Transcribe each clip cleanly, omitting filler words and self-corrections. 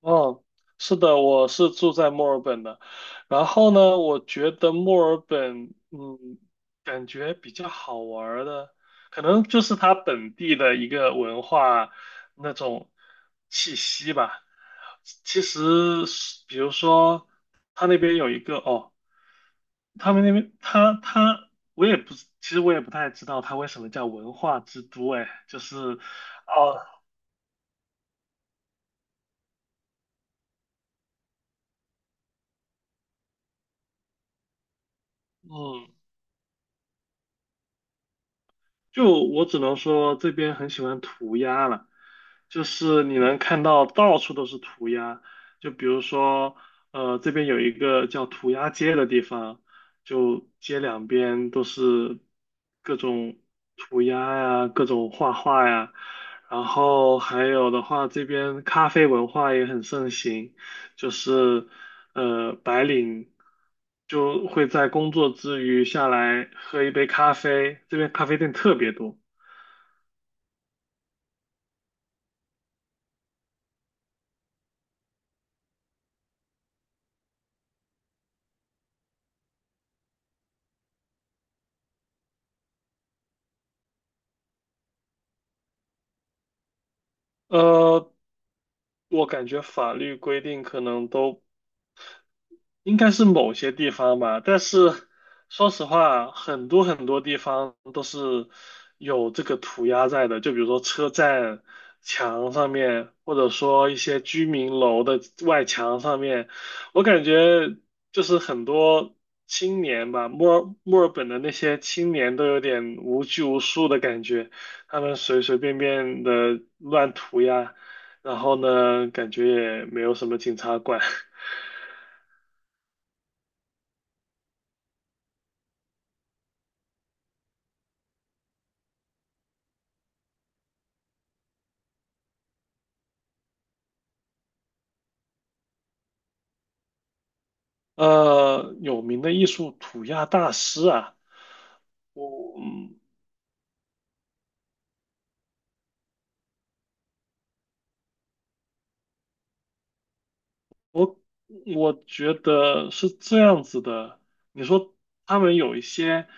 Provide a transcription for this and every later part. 哦，是的，我是住在墨尔本的。然后呢，我觉得墨尔本，感觉比较好玩儿的，可能就是它本地的一个文化那种气息吧。其实是，比如说，他那边有一个他们那边我也不，其实我也不太知道他为什么叫文化之都，哎，就是哦。嗯，就我只能说这边很喜欢涂鸦了，就是你能看到到处都是涂鸦，就比如说，这边有一个叫涂鸦街的地方，就街两边都是各种涂鸦呀，各种画画呀，然后还有的话，这边咖啡文化也很盛行，就是白领就会在工作之余下来喝一杯咖啡，这边咖啡店特别多。呃，我感觉法律规定可能都应该是某些地方吧，但是说实话，很多很多地方都是有这个涂鸦在的，就比如说车站墙上面，或者说一些居民楼的外墙上面，我感觉就是很多青年吧，墨尔本的那些青年都有点无拘无束的感觉，他们随随便便的乱涂鸦，然后呢，感觉也没有什么警察管。有名的艺术涂鸦大师啊，我嗯，我觉得是这样子的。你说他们有一些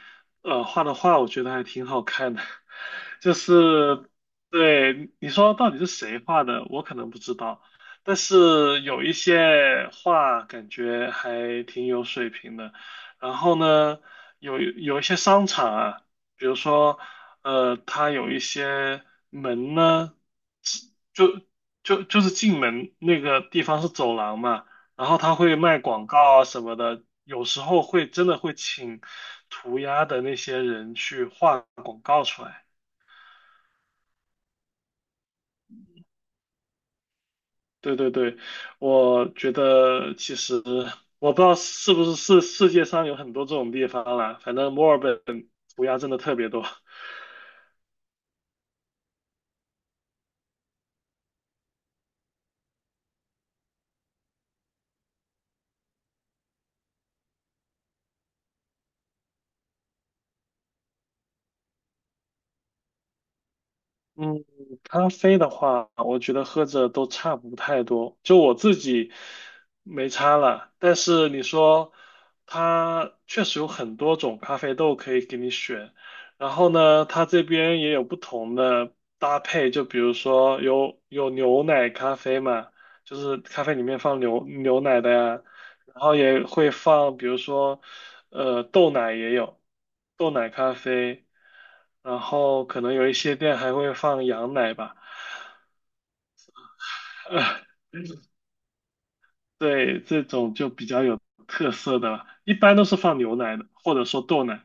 画的画，我觉得还挺好看的。就是对你说到底是谁画的，我可能不知道，但是有一些画感觉还挺有水平的。然后呢，有一些商场啊，比如说它有一些门呢，就就是进门那个地方是走廊嘛。然后他会卖广告啊什么的，有时候会真的会请涂鸦的那些人去画广告出来。对对对，我觉得其实我不知道是不是世界上有很多这种地方啦，反正墨尔本涂鸦真的特别多。嗯，咖啡的话，我觉得喝着都差不太多，就我自己没差了。但是你说它确实有很多种咖啡豆可以给你选，然后呢，它这边也有不同的搭配，就比如说有牛奶咖啡嘛，就是咖啡里面放牛奶的呀，然后也会放，比如说。豆奶也有，豆奶咖啡，然后可能有一些店还会放羊奶吧，呃，对，这种就比较有特色的了，一般都是放牛奶的，或者说豆奶，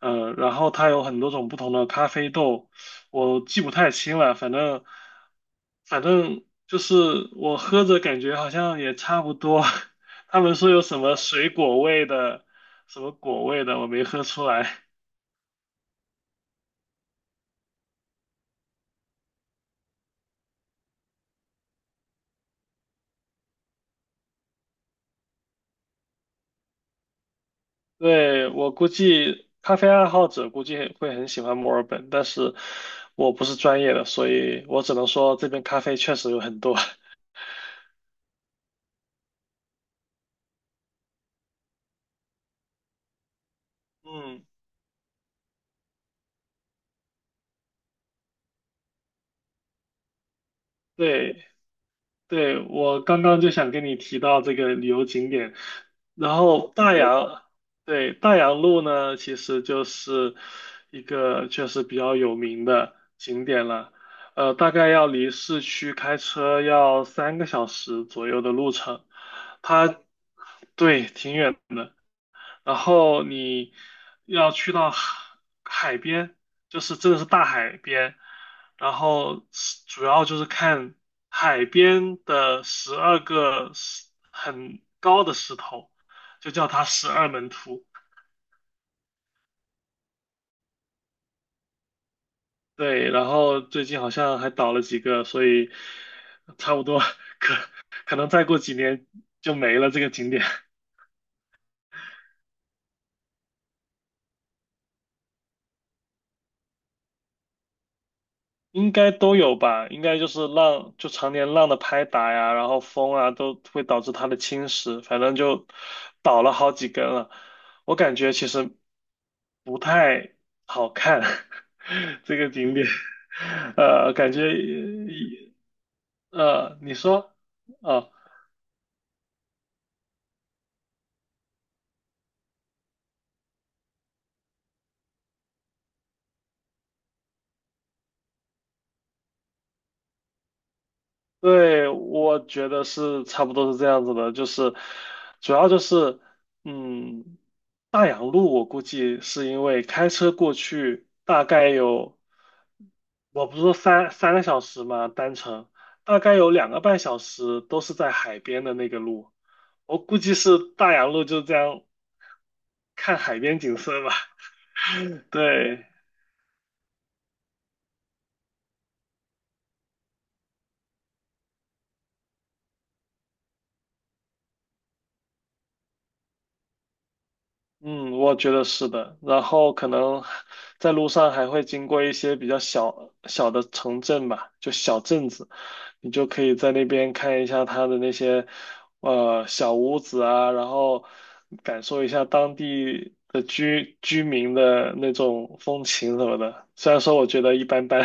然后它有很多种不同的咖啡豆，我记不太清了，反正就是我喝着感觉好像也差不多，他们说有什么水果味的，什么果味的，我没喝出来。对，我估计咖啡爱好者估计很会很喜欢墨尔本，但是我不是专业的，所以我只能说这边咖啡确实有很多。嗯，对，对，我刚刚就想跟你提到这个旅游景点，然后对，大洋路呢，其实就是一个确实比较有名的景点了，大概要离市区开车要三个小时左右的路程，它，对，挺远的。然后你要去到海边，就是真的是大海边，然后是主要就是看海边的12个石很高的石头，就叫它十二门徒。对，然后最近好像还倒了几个，所以差不多可能再过几年就没了这个景点。应该都有吧，应该就是浪，就常年浪的拍打呀，然后风啊，都会导致它的侵蚀，反正就倒了好几根了。我感觉其实不太好看，这个景点，感觉，你说，啊。对，我觉得是差不多是这样子的，就是主要就是，嗯，大洋路我估计是因为开车过去大概有，我不是说3个小时嘛，单程大概有2个半小时都是在海边的那个路，我估计是大洋路就这样看海边景色吧，对。嗯，我觉得是的。然后可能在路上还会经过一些比较小小的城镇吧，就小镇子，你就可以在那边看一下它的那些小屋子啊，然后感受一下当地的居民的那种风情什么的。虽然说我觉得一般般，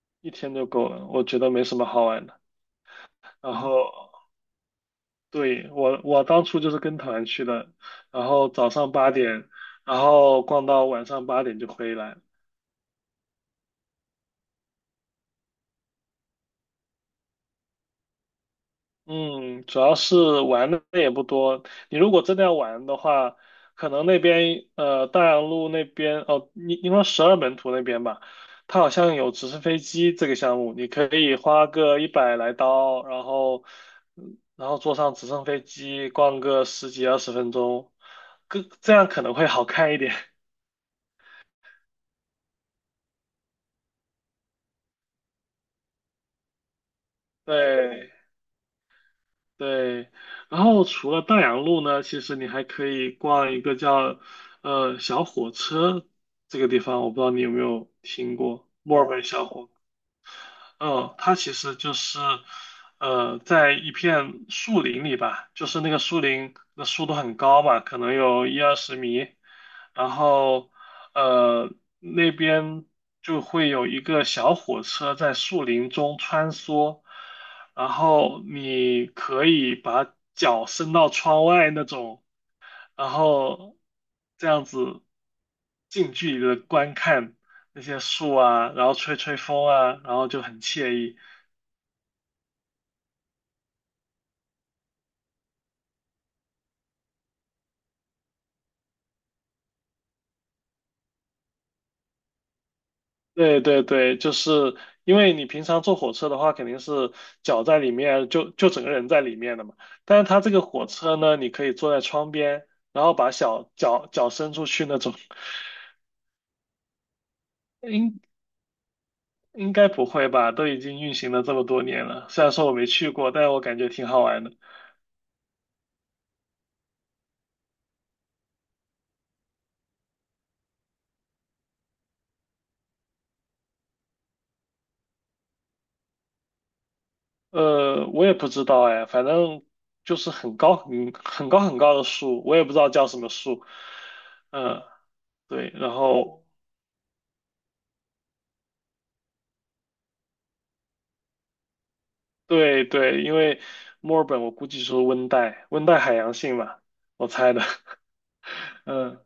一天就够了，我觉得没什么好玩的。然后对，我当初就是跟团去的，然后早上八点，然后逛到晚上八点就回来。嗯，主要是玩的也不多。你如果真的要玩的话，可能那边大洋路那边哦，你因为十二门徒那边吧，它好像有直升飞机这个项目，你可以花个100来刀，然后然后坐上直升飞机逛个十几二十分钟，更这样可能会好看一点。对，对，然后除了大洋路呢，其实你还可以逛一个叫小火车这个地方，我不知道你有没有听过墨尔本。小火嗯，它其实就是，在一片树林里吧，就是那个树林的树都很高嘛，可能有一二十米，然后，呃，那边就会有一个小火车在树林中穿梭，然后你可以把脚伸到窗外那种，然后这样子近距离的观看那些树啊，然后吹吹风啊，然后就很惬意。对对对，就是因为你平常坐火车的话，肯定是脚在里面，就整个人在里面的嘛。但是它这个火车呢，你可以坐在窗边，然后把小脚脚伸出去那种。应应该不会吧？都已经运行了这么多年了，虽然说我没去过，但是我感觉挺好玩的。我也不知道哎，反正就是很高很高很高的树，我也不知道叫什么树。嗯，对，然后对对，因为墨尔本我估计是温带海洋性嘛，我猜的。嗯，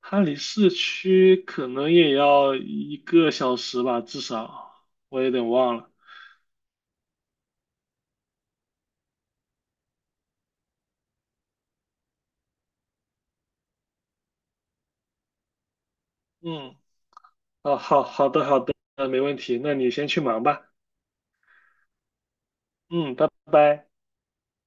它离市区可能也要1个小时吧，至少我有点忘了。嗯，哦，好好的好的，没问题，那你先去忙吧。嗯，拜拜。